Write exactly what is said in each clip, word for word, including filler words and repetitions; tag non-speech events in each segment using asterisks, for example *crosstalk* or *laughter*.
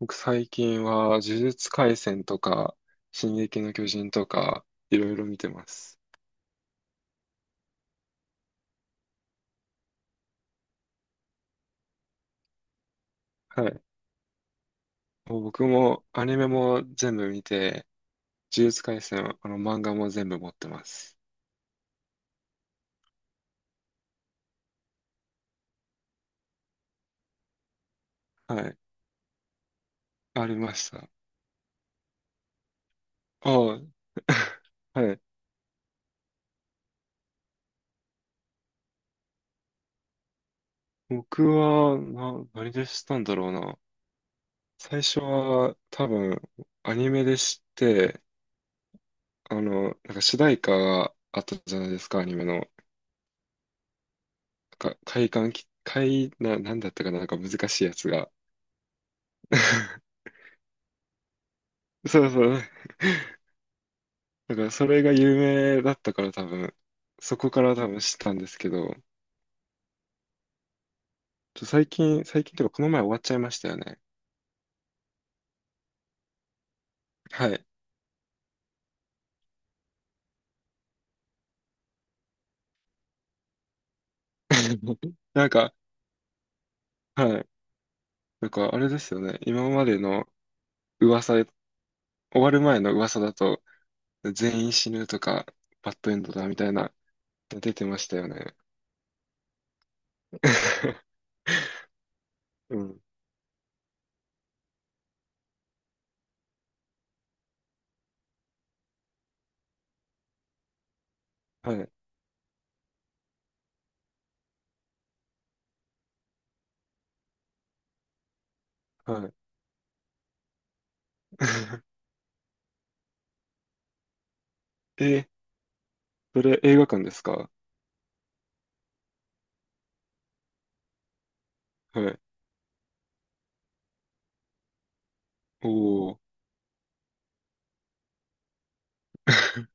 僕最近は呪術廻戦とか、進撃の巨人とか、いろいろ見てます。はい。もう僕もアニメも全部見て、呪術廻戦、あの漫画も全部持ってます。はい。ありました。ああ、*laughs* はい。僕は、な、何で知ったんだろうな。最初は多分アニメで知って、あの、なんか主題歌があったじゃないですか、アニメの。なんか、快感き、快、な、なんだったかな、なんか難しいやつが。*laughs* そうそう。だからそれが有名だったから多分、そこから多分知ったんですけど、ちょ最近、最近というかこの前終わっちゃいましたよね。はい。*laughs* なんか、はい。なんかあれですよね。今までの噂、終わる前の噂だと、全員死ぬとか、バッドエンドだみたいな、出てましたよね。*laughs* うん。はい。はい。*laughs* え、それ映画館ですか？はい。おー。*laughs*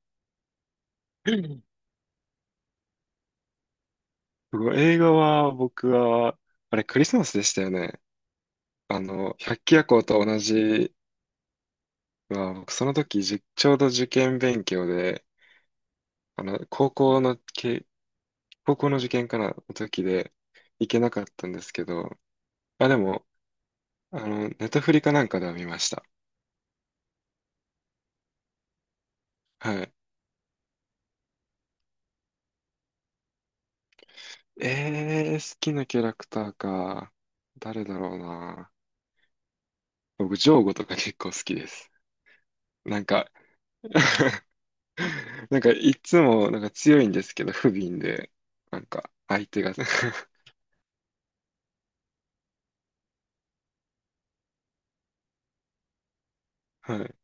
僕は映画は僕は、あれクリスマスでしたよね。あの、百鬼夜行と同じは、僕その時じちょうど受験勉強で、あの、高校のけ、高校の受験かな、の時で行けなかったんですけど、あ、でも、あの、ネタフリかなんかでは見ました。はい。えー、好きなキャラクターか。誰だろうな。僕、ジョーゴとか結構好きです。なんか *laughs* *laughs* なんか、いつも、なんか強いんですけど、不憫で、なんか、相手が *laughs* はい。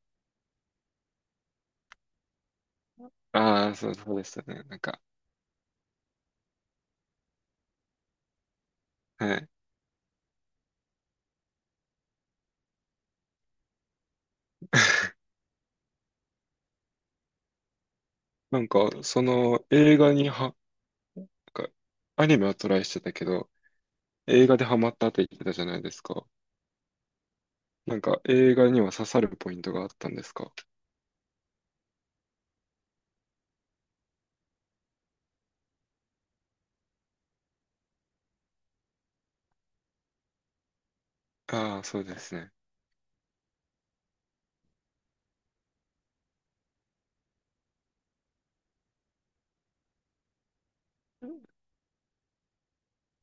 ああ、そう、そうでしたね。なんか、はい。なんか、その映画には、なんか、アニメはトライしてたけど、映画でハマったって言ってたじゃないですか。なんか、映画には刺さるポイントがあったんですか？ああー、そうですね。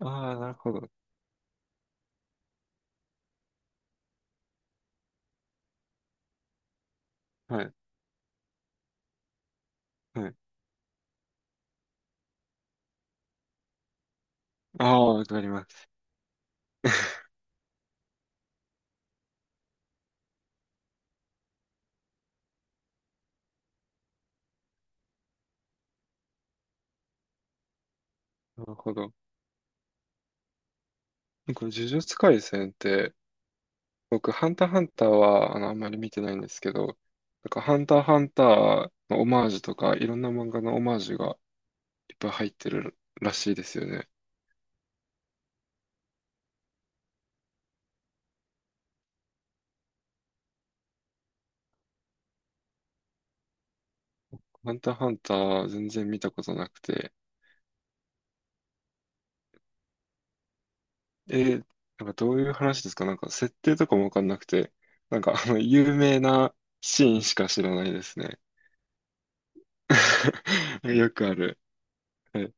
ああ、なるほど。はい。はい。ああ、わかります。*laughs* なるほど。なんか、呪術廻戦って、僕、ハンターハンターは、あの、あんまり見てないんですけど、なんか、ハンターハンターのオマージュとか、いろんな漫画のオマージュがいっぱい入ってるらしいですよね。ハンターハンター、全然見たことなくて。えー、なんかどういう話ですか？なんか、設定とかもわかんなくて、なんか、あの、有名なシーンしか知らないですね。*laughs* よくある。はい、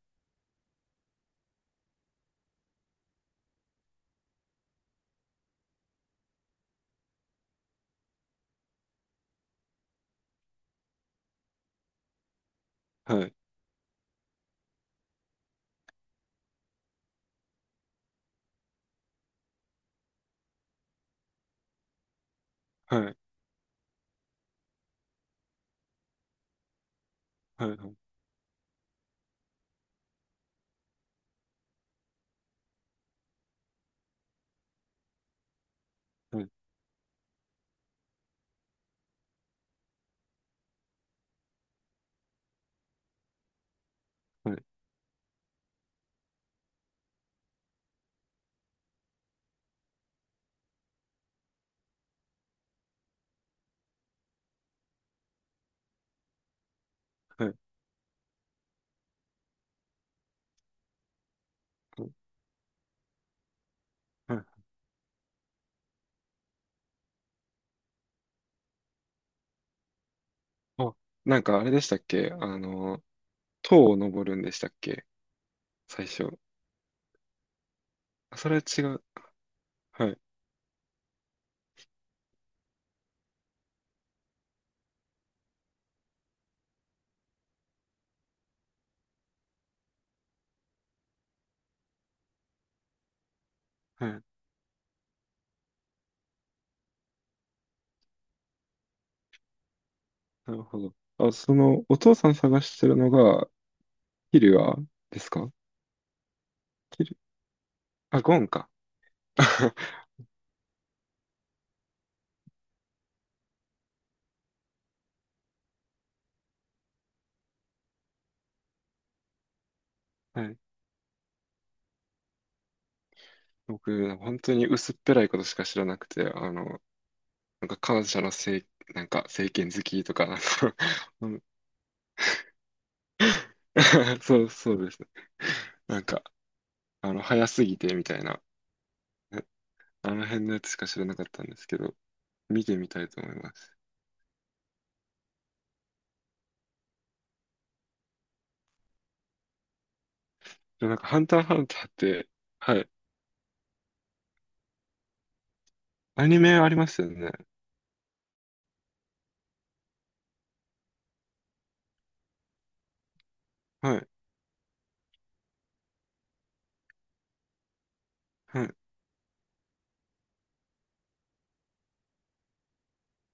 はい、はい、はい、はい、はい、はい、はい。はい。あ、なんかあれでしたっけ？あの、塔を登るんでしたっけ？最初。あ、それは違う。はい。はい。なるほど。あ、その、お父さん探してるのが、キリュアですか？キリュ、あ、ゴンか。*laughs* はい。僕、本当に薄っぺらいことしか知らなくて、あの、なんか感謝のせい、なんか政権好きとか、なんか *laughs* うん *laughs* そうそうです。なんか、あの、早すぎてみたいな、え、あの辺のやつしか知らなかったんですけど、見てみたいと思います。でもなんか、ハンターハンターって、はい。アニメありますよね。はい。はい。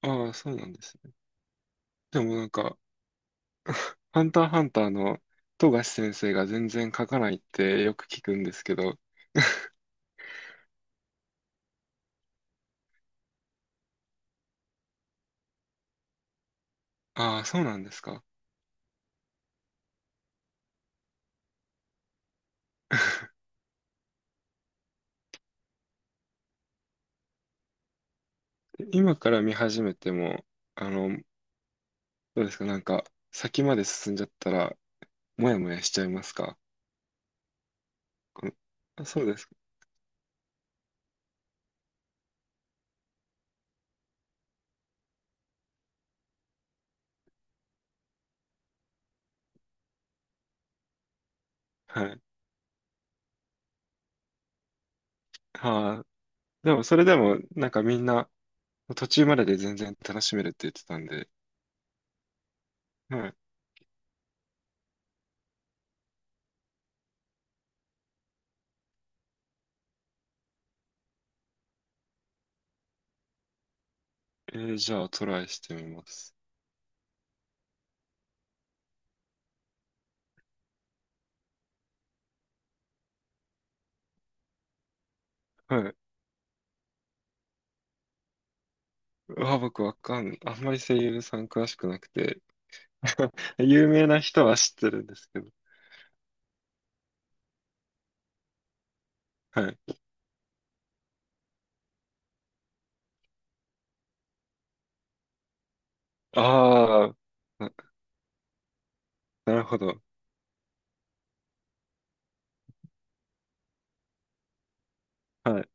ああ、そうなんですね。でもなんか、ハンターハンターの富樫先生が全然書かないってよく聞くんですけど、*laughs* ああ、そうなんですか。*laughs* 今から見始めても、あの、どうですか、なんか、先まで進んじゃったら、もやもやしちゃいますか？この、あ、そうですか。はい。はあ、でも、それでも、なんかみんな、途中までで全然楽しめるって言ってたんで、はい。えー、じゃあ、トライしてみます。はい。うわ、僕わかん、あんまり声優さん詳しくなくて、有名な人は知ってるんですけど。はい。ああ、な、なるほど。はい。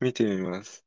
見てみます。